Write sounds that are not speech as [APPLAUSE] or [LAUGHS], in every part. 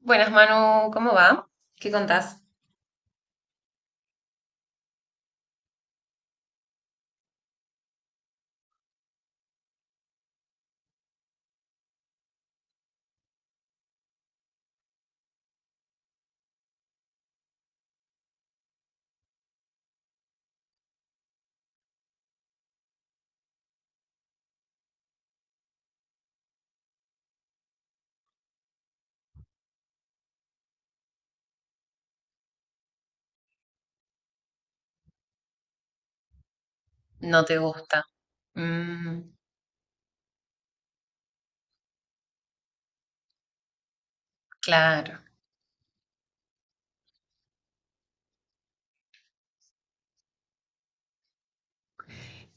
Buenas, Manu, ¿cómo va? ¿Qué contás? No te gusta. Mm, claro.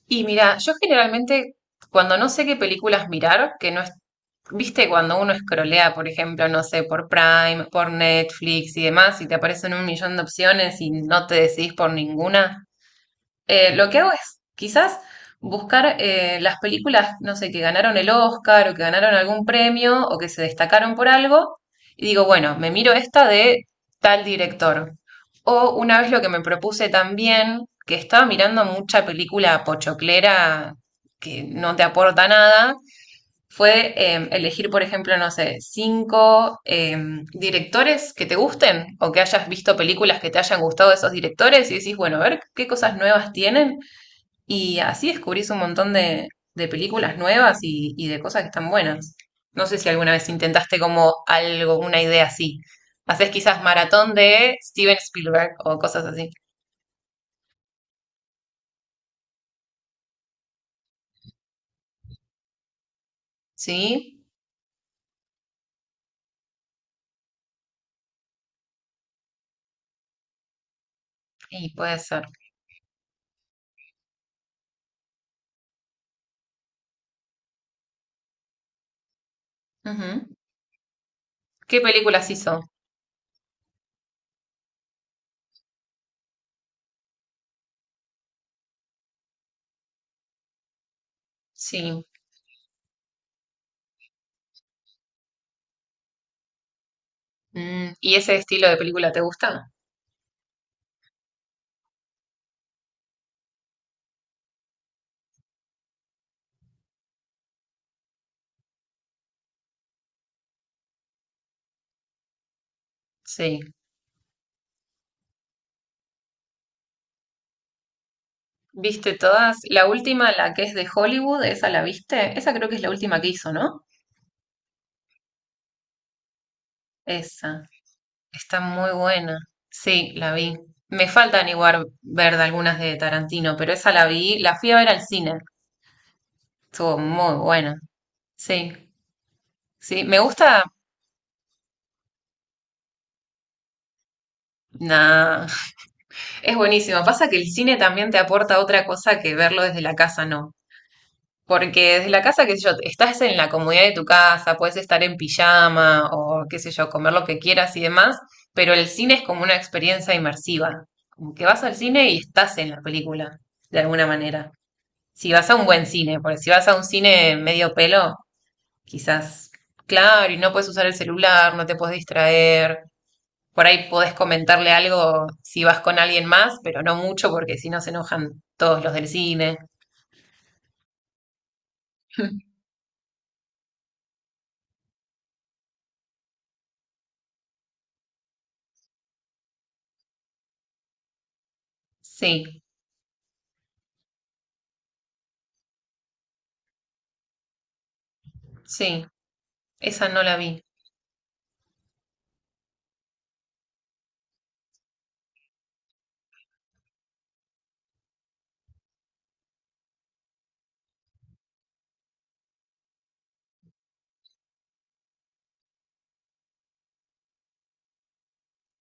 Y mira, yo generalmente cuando no sé qué películas mirar, que no es, viste, cuando uno escrolea, por ejemplo, no sé, por Prime, por Netflix y demás, y te aparecen un millón de opciones y no te decidís por ninguna. Lo que hago es quizás buscar las películas, no sé, que ganaron el Oscar o que ganaron algún premio o que se destacaron por algo y digo, bueno, me miro esta de tal director. O una vez lo que me propuse también, que estaba mirando mucha película pochoclera que no te aporta nada fue elegir, por ejemplo, no sé, cinco directores que te gusten o que hayas visto películas que te hayan gustado de esos directores y decís, bueno, a ver qué cosas nuevas tienen y así descubrís un montón de películas nuevas y de cosas que están buenas. No sé si alguna vez intentaste como algo, una idea así. Haces quizás maratón de Steven Spielberg o cosas así. Sí, y puede ser. Ujú. ¿Qué películas hizo? Sí. ¿Y ese estilo de película te gusta? Sí. ¿Viste todas? La última, la que es de Hollywood, esa la viste. Esa creo que es la última que hizo, ¿no? Esa. Está muy buena. Sí, la vi. Me faltan igual ver de algunas de Tarantino, pero esa la vi, la fui a ver al cine. Estuvo muy buena. Sí, sí. Me gusta. Nah, [LAUGHS] es buenísimo. Pasa que el cine también te aporta otra cosa que verlo desde la casa, no. Porque desde la casa, qué sé yo, estás en la comodidad de tu casa, puedes estar en pijama o qué sé yo, comer lo que quieras y demás, pero el cine es como una experiencia inmersiva, como que vas al cine y estás en la película, de alguna manera. Si vas a un buen cine, porque si vas a un cine medio pelo, quizás, claro, y no puedes usar el celular, no te puedes distraer, por ahí podés comentarle algo si vas con alguien más, pero no mucho porque si no se enojan todos los del cine. [LAUGHS] Sí, sí. Esa no la vi.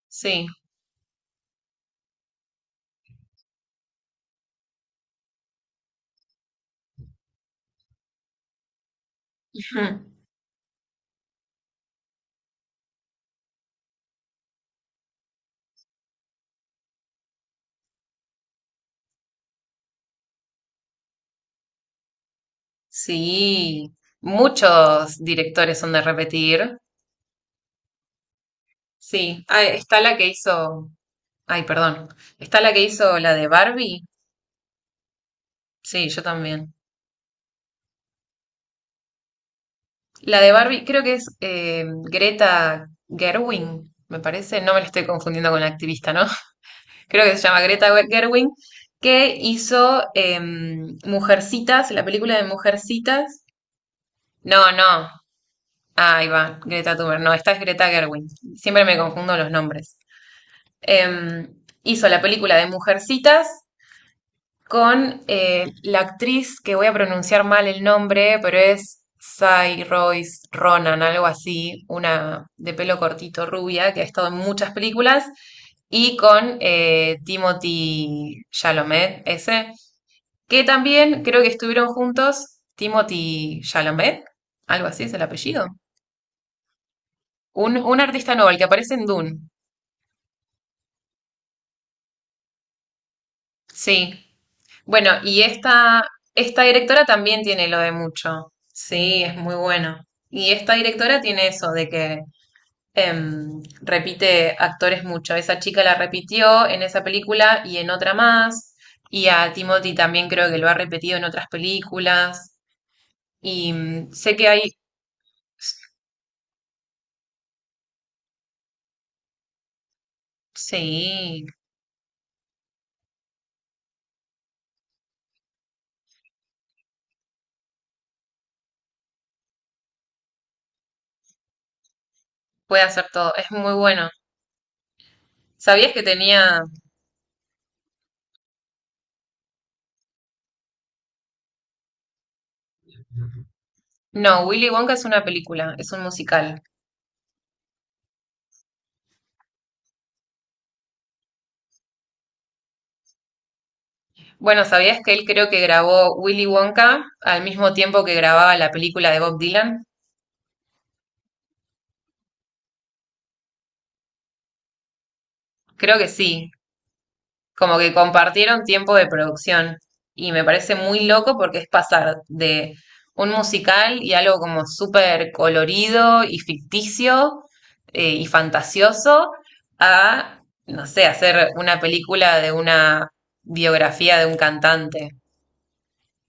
Sí. Ujú. Sí. Muchos directores son de repetir. Sí. Ah, está la que hizo. Ay, perdón. Está la que hizo la de Barbie. Sí, yo también. La de Barbie, creo que es Greta Gerwig, me parece. No me la estoy confundiendo con la activista, ¿no? [LAUGHS] Creo que se llama Greta Gerwig, que hizo Mujercitas, la película de Mujercitas. No, no. Ah, ahí va, Greta Thunberg. No, esta es Greta Gerwig. Siempre me confundo los nombres. Em, Hizo la película de Mujercitas con la actriz que voy a pronunciar mal el nombre, pero es Sai Royce Ronan, algo así, una de pelo cortito rubia que ha estado en muchas películas, y con Timothy Chalamet, ese, que también creo que estuvieron juntos. Timothy Chalamet, algo así es el apellido. Un artista nuevo, el que aparece en Dune. Sí. Bueno, y esta directora también tiene lo de mucho. Sí, es muy bueno. Y esta directora tiene eso de que repite actores mucho. Esa chica la repitió en esa película y en otra más. Y a Timothy también creo que lo ha repetido en otras películas. Y sé que hay... Sí, puede hacer todo. Es muy bueno. ¿Sabías que tenía... No, Willy Wonka es una película, es un musical. Bueno, ¿sabías que él creo que grabó Willy Wonka al mismo tiempo que grababa la película de Bob Dylan? Creo que sí, como que compartieron tiempo de producción y me parece muy loco porque es pasar de un musical y algo como súper colorido y ficticio y fantasioso a, no sé, hacer una película de una biografía de un cantante,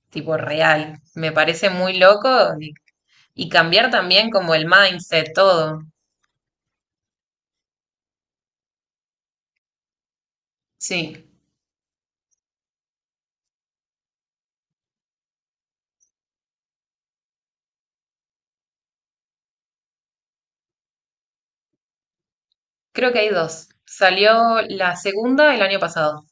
tipo real. Me parece muy loco. Y cambiar también como el mindset, todo. Sí, creo que hay dos. Salió la segunda el año pasado.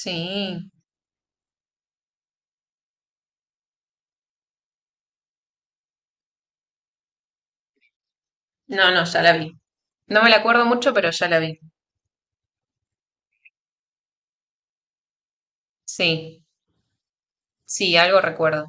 Sí. No, no, ya la vi. No me la acuerdo mucho, pero ya la vi. Sí, sí, algo recuerdo.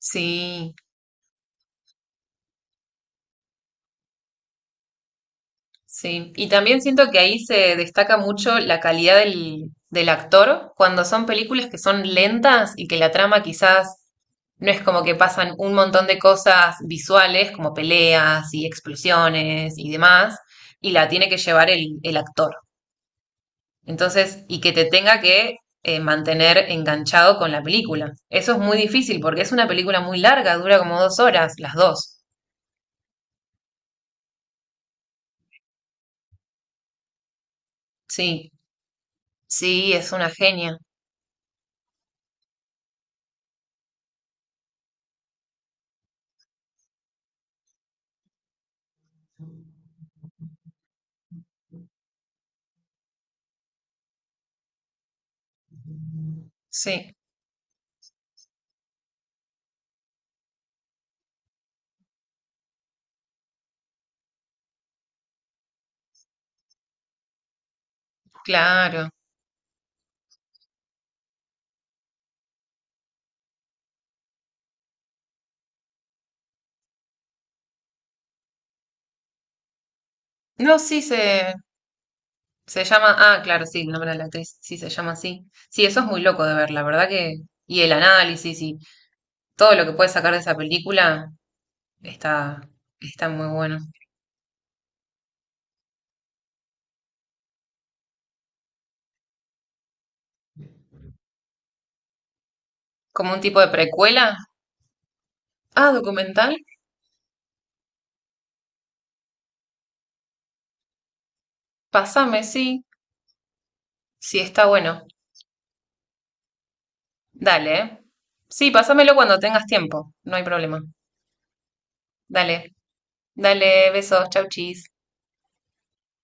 Sí. Sí, y también siento que ahí se destaca mucho la calidad del actor cuando son películas que son lentas y que la trama quizás no es como que pasan un montón de cosas visuales como peleas y explosiones y demás, y la tiene que llevar el actor. Entonces, y que te tenga que mantener enganchado con la película. Eso es muy difícil porque es una película muy larga, dura como 2 horas, las dos. Sí, sí, es una genia. Sí, claro. No, sí se llama. Ah, claro, sí, el nombre de la actriz. Sí, se llama así. Sí, eso es muy loco de ver, la verdad que. Y el análisis y todo lo que puedes sacar de esa película está, está muy bueno. Como un tipo de precuela. Ah, documental. Pásame, sí. Sí, está bueno. Dale, ¿eh? Sí, pásamelo cuando tengas tiempo. No hay problema. Dale. Dale, besos. Chau, chis.